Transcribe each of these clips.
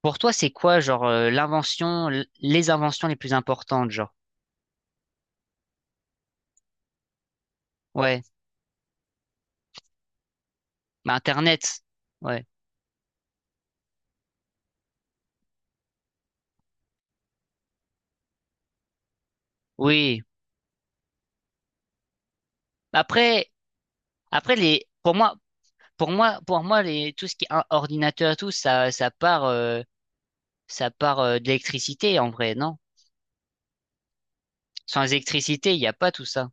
Pour toi, c'est quoi, genre, l'invention, les inventions les plus importantes, genre? Ouais, bah, Internet. Ouais. Oui. Après, après les, pour moi, les, tout ce qui est ordinateur et tout, ça, ça part, de l'électricité, en vrai, non? Sans électricité, il n'y a pas tout ça.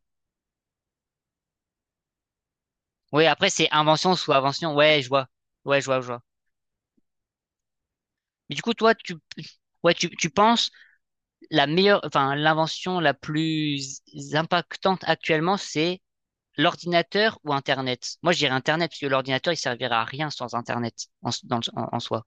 Oui, après, c'est invention sous invention. Ouais, je vois. Ouais, je vois, je vois. Mais du coup, toi, ouais, tu penses la meilleure, enfin, l'invention la plus impactante actuellement, c'est l'ordinateur ou Internet? Moi, je dirais Internet, parce que l'ordinateur, il servira à rien sans Internet en, s- dans le- en- en soi.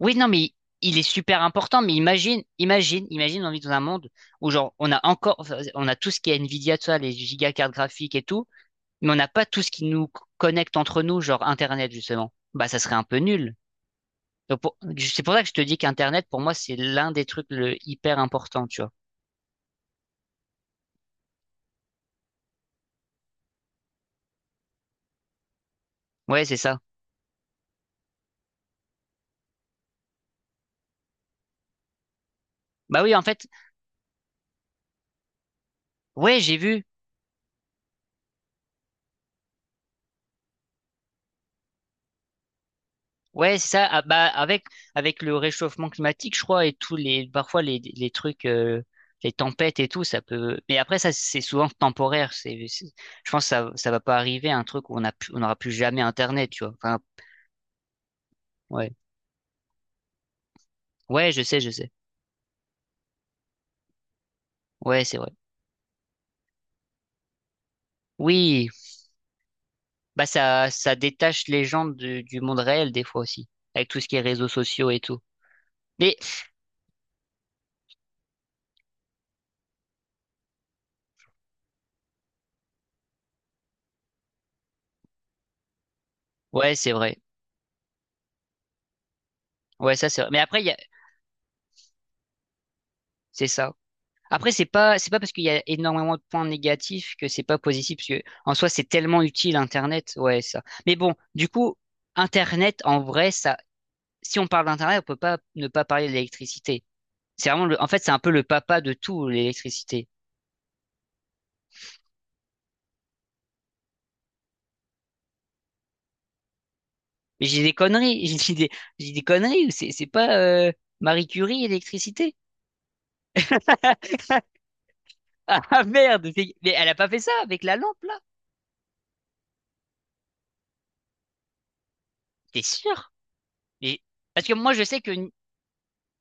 Oui, non, mais il est super important, mais imagine, imagine, imagine, on vit dans un monde où, genre, on a encore, enfin, on a tout ce qui est Nvidia, tout ça, les gigacartes graphiques et tout, mais on n'a pas tout ce qui nous connecte entre nous, genre Internet, justement. Bah, ça serait un peu nul. Donc, c'est pour ça que je te dis qu'Internet, pour moi, c'est l'un des trucs hyper important, tu vois. Ouais, c'est ça. Bah oui, en fait, ouais, j'ai vu. Ouais, c'est ça. Ah, bah, avec le réchauffement climatique, je crois, et tous les, parfois les trucs, les tempêtes et tout, ça peut. Mais après, ça, c'est souvent temporaire. Je pense que ça va pas arriver un truc où on n'aura plus jamais Internet, tu vois. Enfin, ouais. Ouais, je sais, je sais. Ouais, c'est vrai. Oui. Bah, ça détache les gens du monde réel, des fois aussi. Avec tout ce qui est réseaux sociaux et tout. Mais, ouais, c'est vrai. Ouais, ça, c'est vrai. Mais après, il y a, c'est ça. Après, c'est pas parce qu'il y a énormément de points négatifs que c'est pas positif, parce que en soi, c'est tellement utile Internet, ouais, ça. Mais bon, du coup, Internet, en vrai, ça, si on parle d'Internet, on peut pas ne pas parler de l'électricité. C'est vraiment en fait, c'est un peu le papa de tout, l'électricité. Mais j'ai des conneries, j'ai des conneries, ou c'est pas, Marie Curie, l'électricité. Ah merde, mais elle a pas fait ça avec la lampe, là? T'es sûr? Mais, parce que moi, je sais que,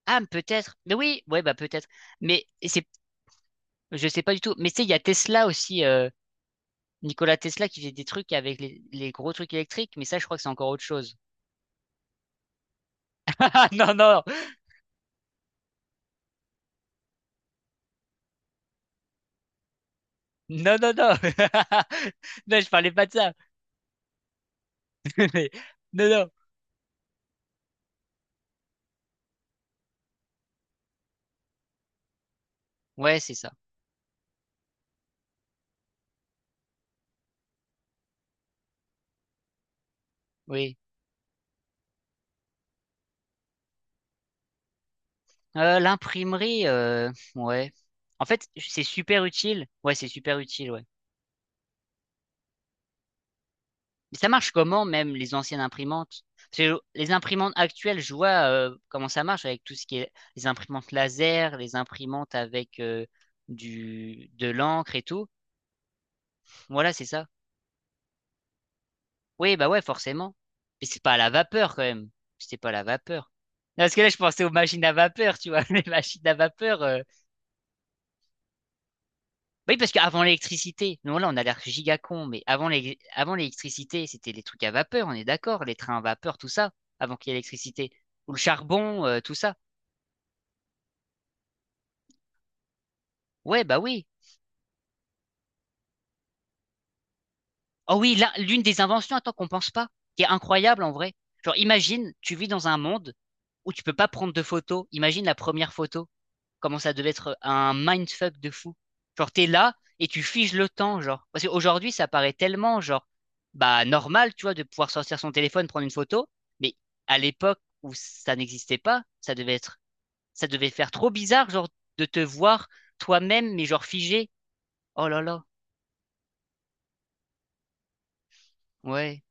ah, peut-être, mais oui, ouais, bah, peut-être. Mais c'est Je sais pas du tout. Mais tu sais, il y a Tesla aussi, Nikola Tesla qui faisait des trucs avec les gros trucs électriques, mais ça, je crois que c'est encore autre chose. Non, non, non, non, non. Non, je parlais pas de ça. Mais- Non, non. Ouais, c'est ça. Oui. L'imprimerie, ouais. En fait, c'est super utile. Ouais, c'est super utile, ouais. Mais ça marche comment même les anciennes imprimantes? Parce que les imprimantes actuelles, je vois comment ça marche avec tout ce qui est les imprimantes laser, les imprimantes avec du de l'encre et tout. Voilà, c'est ça. Oui, bah ouais, forcément. Mais c'est pas à la vapeur quand même. C'était pas à la vapeur. Non, parce que là, je pensais aux machines à vapeur, tu vois. Les machines à vapeur. Oui, parce qu'avant l'électricité, nous là on a l'air giga con, mais avant l'électricité, c'était les trucs à vapeur, on est d'accord, les trains à vapeur, tout ça, avant qu'il y ait l'électricité. Ou le charbon, tout ça. Ouais, bah oui. Oh oui, là, l'une des inventions, attends, qu'on pense pas, qui est incroyable en vrai. Genre, imagine, tu vis dans un monde où tu peux pas prendre de photos. Imagine la première photo. Comment ça devait être un mindfuck de fou. Genre, t'es là et tu figes le temps, genre. Parce qu'aujourd'hui, ça paraît tellement, genre, bah, normal, tu vois, de pouvoir sortir son téléphone, prendre une photo. Mais à l'époque où ça n'existait pas, ça devait être, ça devait faire trop bizarre, genre, de te voir toi-même, mais genre figé. Oh là là, ouais.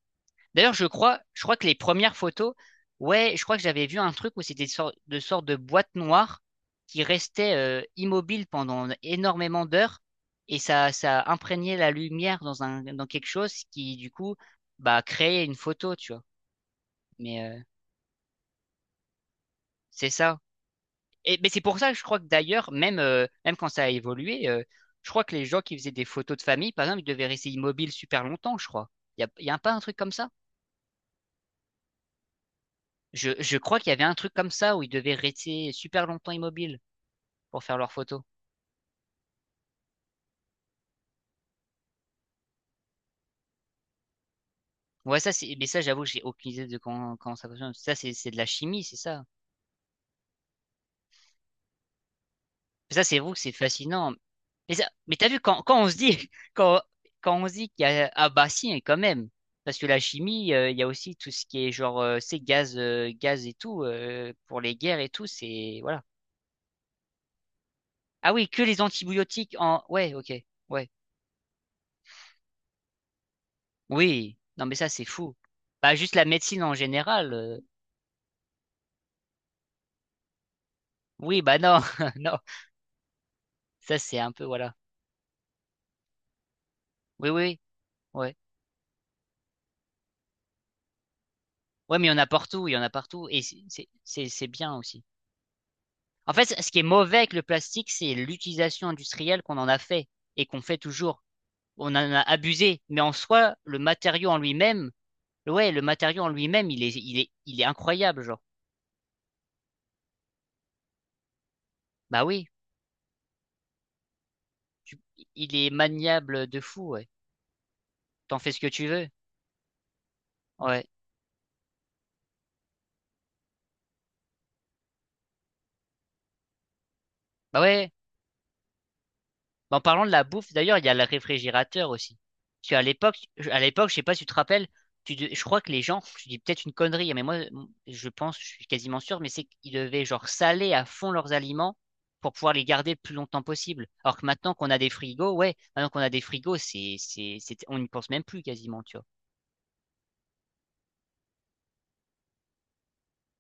D'ailleurs, je crois que les premières photos, ouais, je crois que j'avais vu un truc où c'était de sortes de boîtes noires qui restaient immobiles pendant énormément d'heures et ça imprégnait la lumière dans un, dans quelque chose qui, du coup, bah, créait une photo, tu vois. Mais euh, c'est ça. Et mais c'est pour ça que je crois que d'ailleurs, même quand ça a évolué, je crois que les gens qui faisaient des photos de famille, par exemple, ils devaient rester immobiles super longtemps, je crois. Il y a, y a pas un truc comme ça? Je crois qu'il y avait un truc comme ça où ils devaient rester super longtemps immobiles pour faire leurs photos. Ouais, ça, c'est, mais ça, j'avoue, j'ai aucune idée de comment ça fonctionne. Ça, c'est de la chimie, c'est ça. Ça, c'est vous, c'est fascinant. Mais ça, mais t'as vu, quand on se dit, quand on se dit qu'il y a, ah bah si, hein, quand même. Parce que la chimie, il y a aussi tout ce qui est genre, c'est gaz et tout, pour les guerres et tout, c'est, voilà. Ah oui, que les antibiotiques en, ouais, ok, ouais. Oui, non, mais ça, c'est fou. Bah, juste la médecine en général. Oui, bah non, non, ça c'est un peu, voilà. Oui, oui, oui, ouais. Ouais, mais il y en a partout, il y en a partout, et c'est c'est bien aussi. En fait, ce qui est mauvais avec le plastique, c'est l'utilisation industrielle qu'on en a fait, et qu'on fait toujours. On en a abusé, mais en soi, le matériau en lui-même, ouais, le matériau en lui-même, il est incroyable, genre. Bah oui, tu- il est maniable de fou, ouais. T'en fais ce que tu veux, ouais. Bah ouais. Mais en parlant de la bouffe, d'ailleurs, il y a le réfrigérateur aussi. Parce qu'à l'époque, je sais pas si tu te rappelles, je crois que les gens, je dis peut-être une connerie, mais moi, je pense, je suis quasiment sûr, mais c'est qu'ils devaient genre saler à fond leurs aliments pour pouvoir les garder le plus longtemps possible. Alors que maintenant qu'on a des frigos, ouais, maintenant qu'on a des frigos, on n'y pense même plus quasiment, tu vois.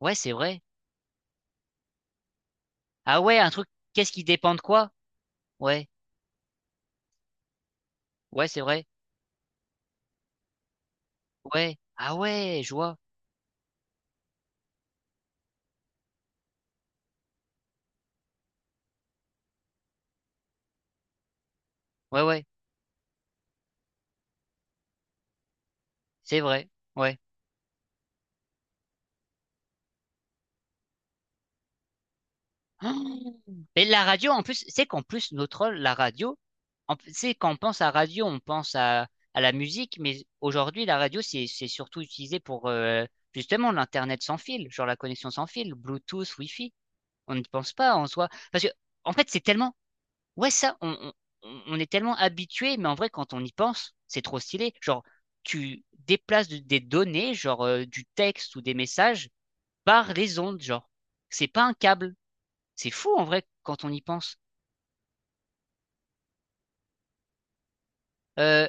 Ouais, c'est vrai. Ah ouais, un truc, qu'est-ce qui dépend de quoi? Ouais, ouais, c'est vrai. Ouais. Ah ouais, je vois. Ouais, ouais, c'est vrai. Ouais. Mais la radio, en plus, c'est qu'en plus, notre rôle, la radio, en plus, c'est quand on pense à radio, on pense à la musique, mais aujourd'hui, la radio, c'est surtout utilisé pour justement l'Internet sans fil, genre la connexion sans fil, Bluetooth, Wi-Fi. On ne pense pas en soi. Parce que, en fait, c'est tellement. Ouais, ça, on est tellement habitué, mais en vrai, quand on y pense, c'est trop stylé. Genre, tu déplaces des données, genre du texte ou des messages, par les ondes, genre. C'est pas un câble. C'est fou, en vrai, quand on y pense. Euh,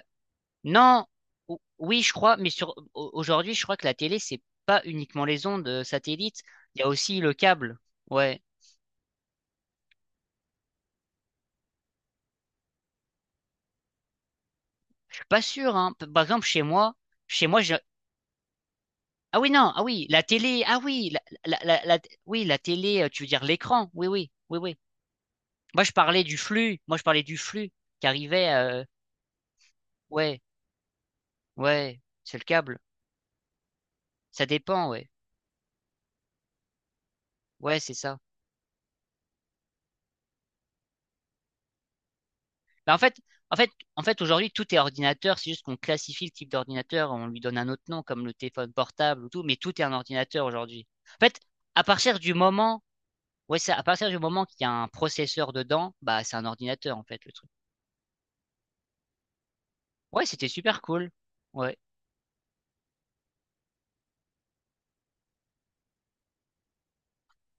Non, oui, je crois, mais sur aujourd'hui, je crois que la télé, c'est pas uniquement les ondes satellites, il y a aussi le câble. Ouais, je suis pas sûr, hein. Par exemple, chez moi, j'ai... Ah oui, non, ah oui, la télé, ah oui, la, la, la- oui, la télé, tu veux dire l'écran, oui, oui, oui, oui. Moi, je parlais du flux, qui arrivait, ouais, ouais, c'est le câble, ça dépend, ouais, ouais, c'est ça. Bah, en fait, en fait, aujourd'hui, tout est ordinateur. C'est juste qu'on classifie le type d'ordinateur, on lui donne un autre nom, comme le téléphone portable ou tout, mais tout est un ordinateur aujourd'hui. En fait, à partir du moment, ouais, c'est à partir du moment qu'il y a un processeur dedans, bah, c'est un ordinateur, en fait, le truc. Ouais, c'était super cool. Ouais.